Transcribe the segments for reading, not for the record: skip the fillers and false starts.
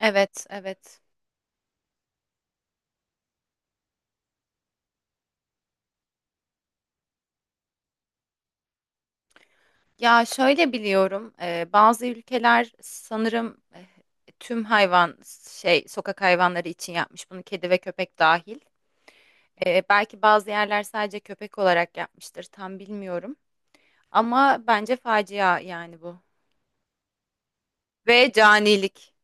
Evet, evet. Ya şöyle biliyorum, bazı ülkeler sanırım tüm hayvan sokak hayvanları için yapmış bunu kedi ve köpek dahil. Belki bazı yerler sadece köpek olarak yapmıştır, tam bilmiyorum. Ama bence facia yani bu. Ve canilik.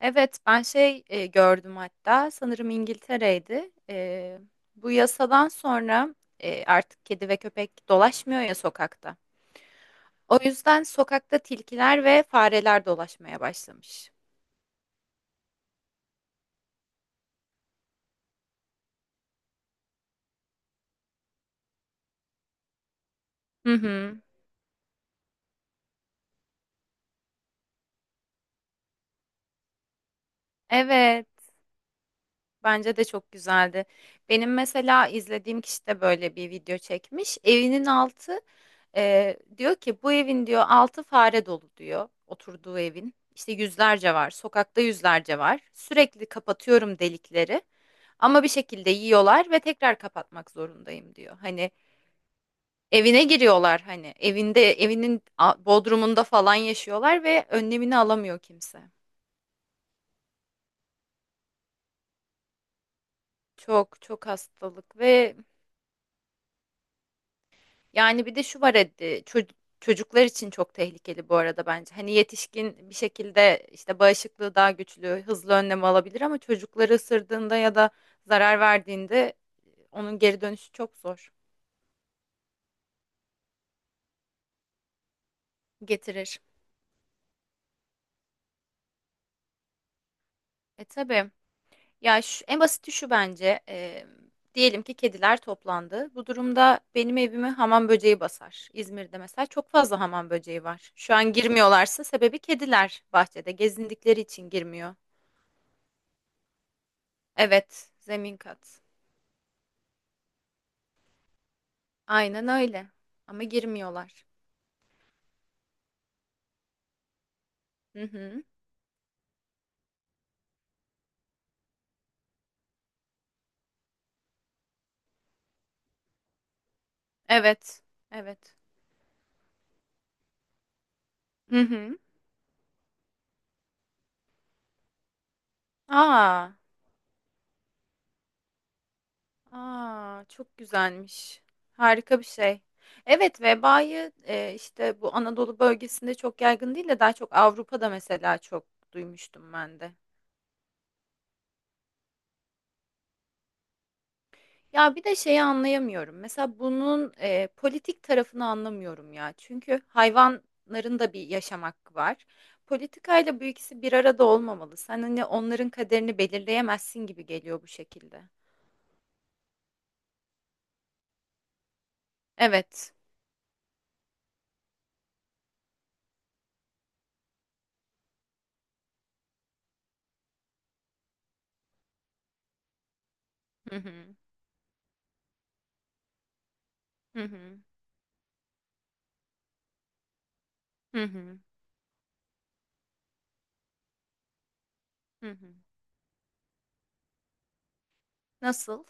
Evet, ben gördüm hatta sanırım İngiltere'ydi. Bu yasadan sonra artık kedi ve köpek dolaşmıyor ya sokakta. O yüzden sokakta tilkiler ve fareler dolaşmaya başlamış. Hı hı. Evet, bence de çok güzeldi. Benim mesela izlediğim kişi de böyle bir video çekmiş. Evinin altı diyor ki bu evin diyor altı fare dolu diyor oturduğu evin. İşte yüzlerce var, sokakta yüzlerce var. Sürekli kapatıyorum delikleri ama bir şekilde yiyorlar ve tekrar kapatmak zorundayım diyor. Hani evine giriyorlar hani evinde bodrumunda falan yaşıyorlar ve önlemini alamıyor kimse. Çok çok hastalık ve yani bir de şu var çocuklar için çok tehlikeli bu arada bence. Hani yetişkin bir şekilde işte bağışıklığı daha güçlü, hızlı önlem alabilir ama çocukları ısırdığında ya da zarar verdiğinde onun geri dönüşü çok zor getirir. E tabii. Ya şu, en basiti şu bence. Diyelim ki kediler toplandı. Bu durumda benim evimi hamam böceği basar. İzmir'de mesela çok fazla hamam böceği var. Şu an girmiyorlarsa sebebi kediler bahçede gezindikleri için girmiyor. Evet, zemin kat. Aynen öyle. Ama girmiyorlar. Hı hı. Evet. Evet. Hı hı. Aa. Aa, çok güzelmiş. Harika bir şey. Evet, vebayı işte bu Anadolu bölgesinde çok yaygın değil de daha çok Avrupa'da mesela çok duymuştum ben de. Ya bir de şeyi anlayamıyorum. Mesela bunun politik tarafını anlamıyorum ya. Çünkü hayvanların da bir yaşam hakkı var. Politikayla bu ikisi bir arada olmamalı. Sen hani onların kaderini belirleyemezsin gibi geliyor bu şekilde. Evet. Hı hı. Hı hı. Hı hı. Hı hı. Nasıl?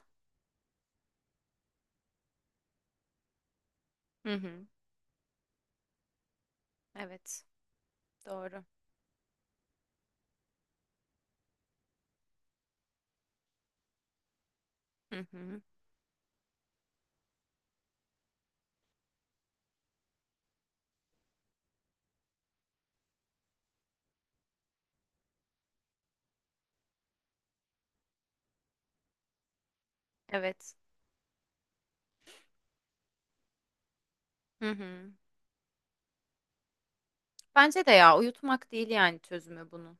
Hı hı. Evet, doğru. Hı hı. Evet. Hı hı. Bence de ya uyutmak değil yani çözümü bunun.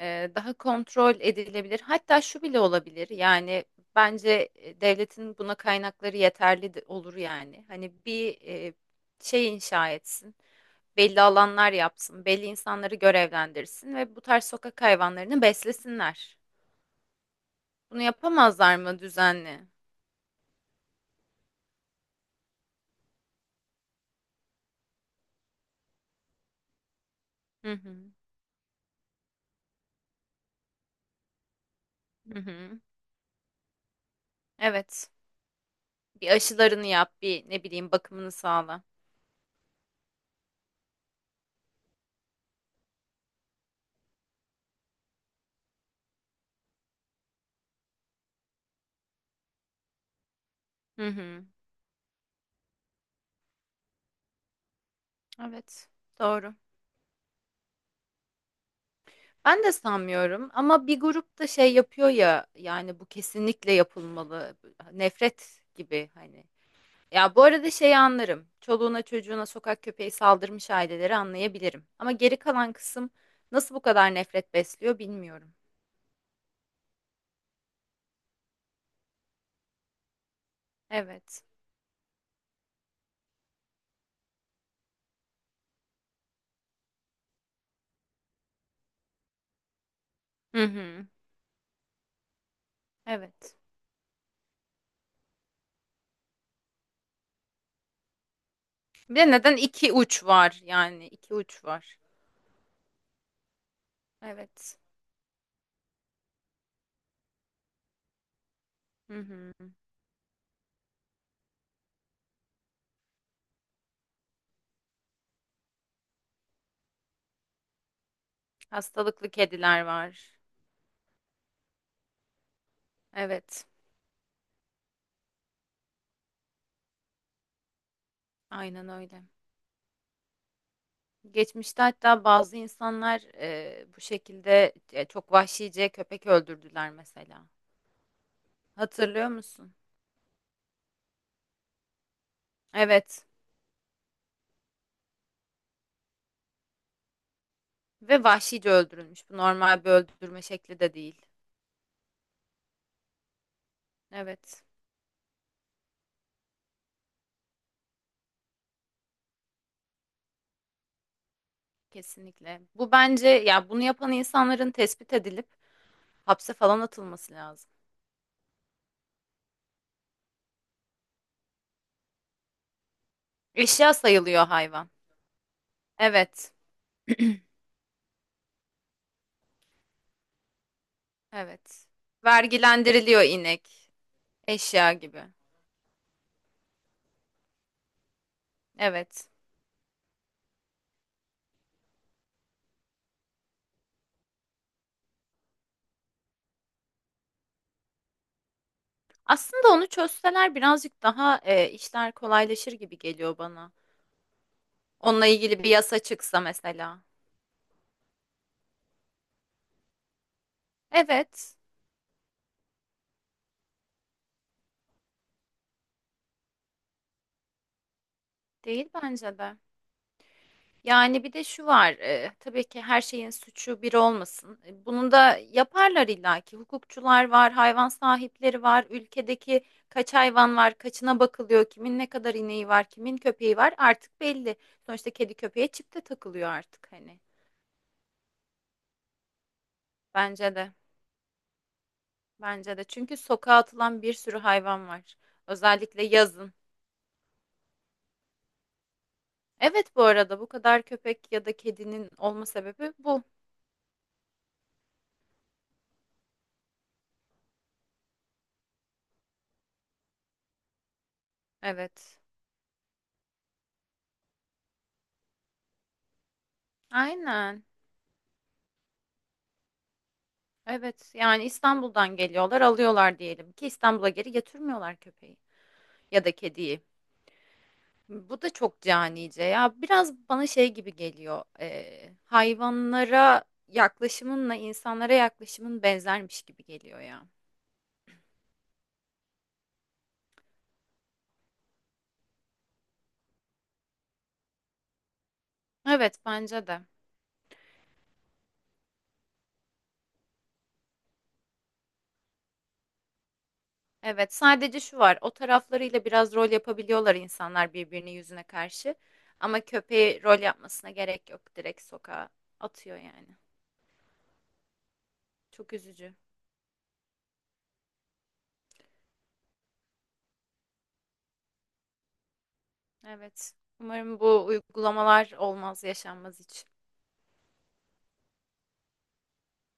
Daha kontrol edilebilir. Hatta şu bile olabilir. Yani bence devletin buna kaynakları olur yani. Hani bir şey inşa etsin. Belli alanlar yapsın. Belli insanları görevlendirsin ve bu tarz sokak hayvanlarını beslesinler. Bunu yapamazlar mı düzenli? Hı hı. Hı hı. Evet. Bir aşılarını yap, bir ne bileyim bakımını sağla. Hı hı. Evet, doğru. Ben de sanmıyorum ama bir grup da şey yapıyor ya yani bu kesinlikle yapılmalı. Nefret gibi hani. Ya bu arada şeyi anlarım. Çoluğuna çocuğuna sokak köpeği saldırmış aileleri anlayabilirim. Ama geri kalan kısım nasıl bu kadar nefret besliyor bilmiyorum. Evet. Hı hı. Evet. Bir de neden iki uç var yani iki uç var. Evet. Hı hı. Hastalıklı kediler var. Evet. Aynen öyle. Geçmişte hatta bazı insanlar bu şekilde çok vahşice köpek öldürdüler mesela. Hatırlıyor musun? Evet. Ve vahşice öldürülmüş. Bu normal bir öldürme şekli de değil. Evet, kesinlikle. Bu bence ya bunu yapan insanların tespit edilip hapse falan atılması lazım. Eşya sayılıyor hayvan. Evet. Evet. Vergilendiriliyor inek. Eşya gibi. Evet. Aslında onu çözseler birazcık daha işler kolaylaşır gibi geliyor bana. Onunla ilgili bir yasa çıksa mesela. Evet, değil bence de. Yani bir de şu var, tabii ki her şeyin suçu bir olmasın. E, bunu da yaparlar illaki. Hukukçular var, hayvan sahipleri var, ülkedeki kaç hayvan var, kaçına bakılıyor, kimin ne kadar ineği var, kimin köpeği var artık belli. Sonuçta kedi köpeğe çip de takılıyor artık hani. Bence de. Bence de. Çünkü sokağa atılan bir sürü hayvan var. Özellikle yazın. Evet bu arada bu kadar köpek ya da kedinin olma sebebi bu. Evet. Aynen. Evet. Yani İstanbul'dan geliyorlar, alıyorlar diyelim ki İstanbul'a geri getirmiyorlar köpeği ya da kediyi. Bu da çok canice ya. Biraz bana şey gibi geliyor. Hayvanlara yaklaşımınla insanlara yaklaşımın benzermiş gibi geliyor ya. Evet bence de. Evet, sadece şu var. O taraflarıyla biraz rol yapabiliyorlar insanlar birbirinin yüzüne karşı. Ama köpeği rol yapmasına gerek yok. Direkt sokağa atıyor yani. Çok üzücü. Evet. Umarım bu uygulamalar olmaz, yaşanmaz hiç.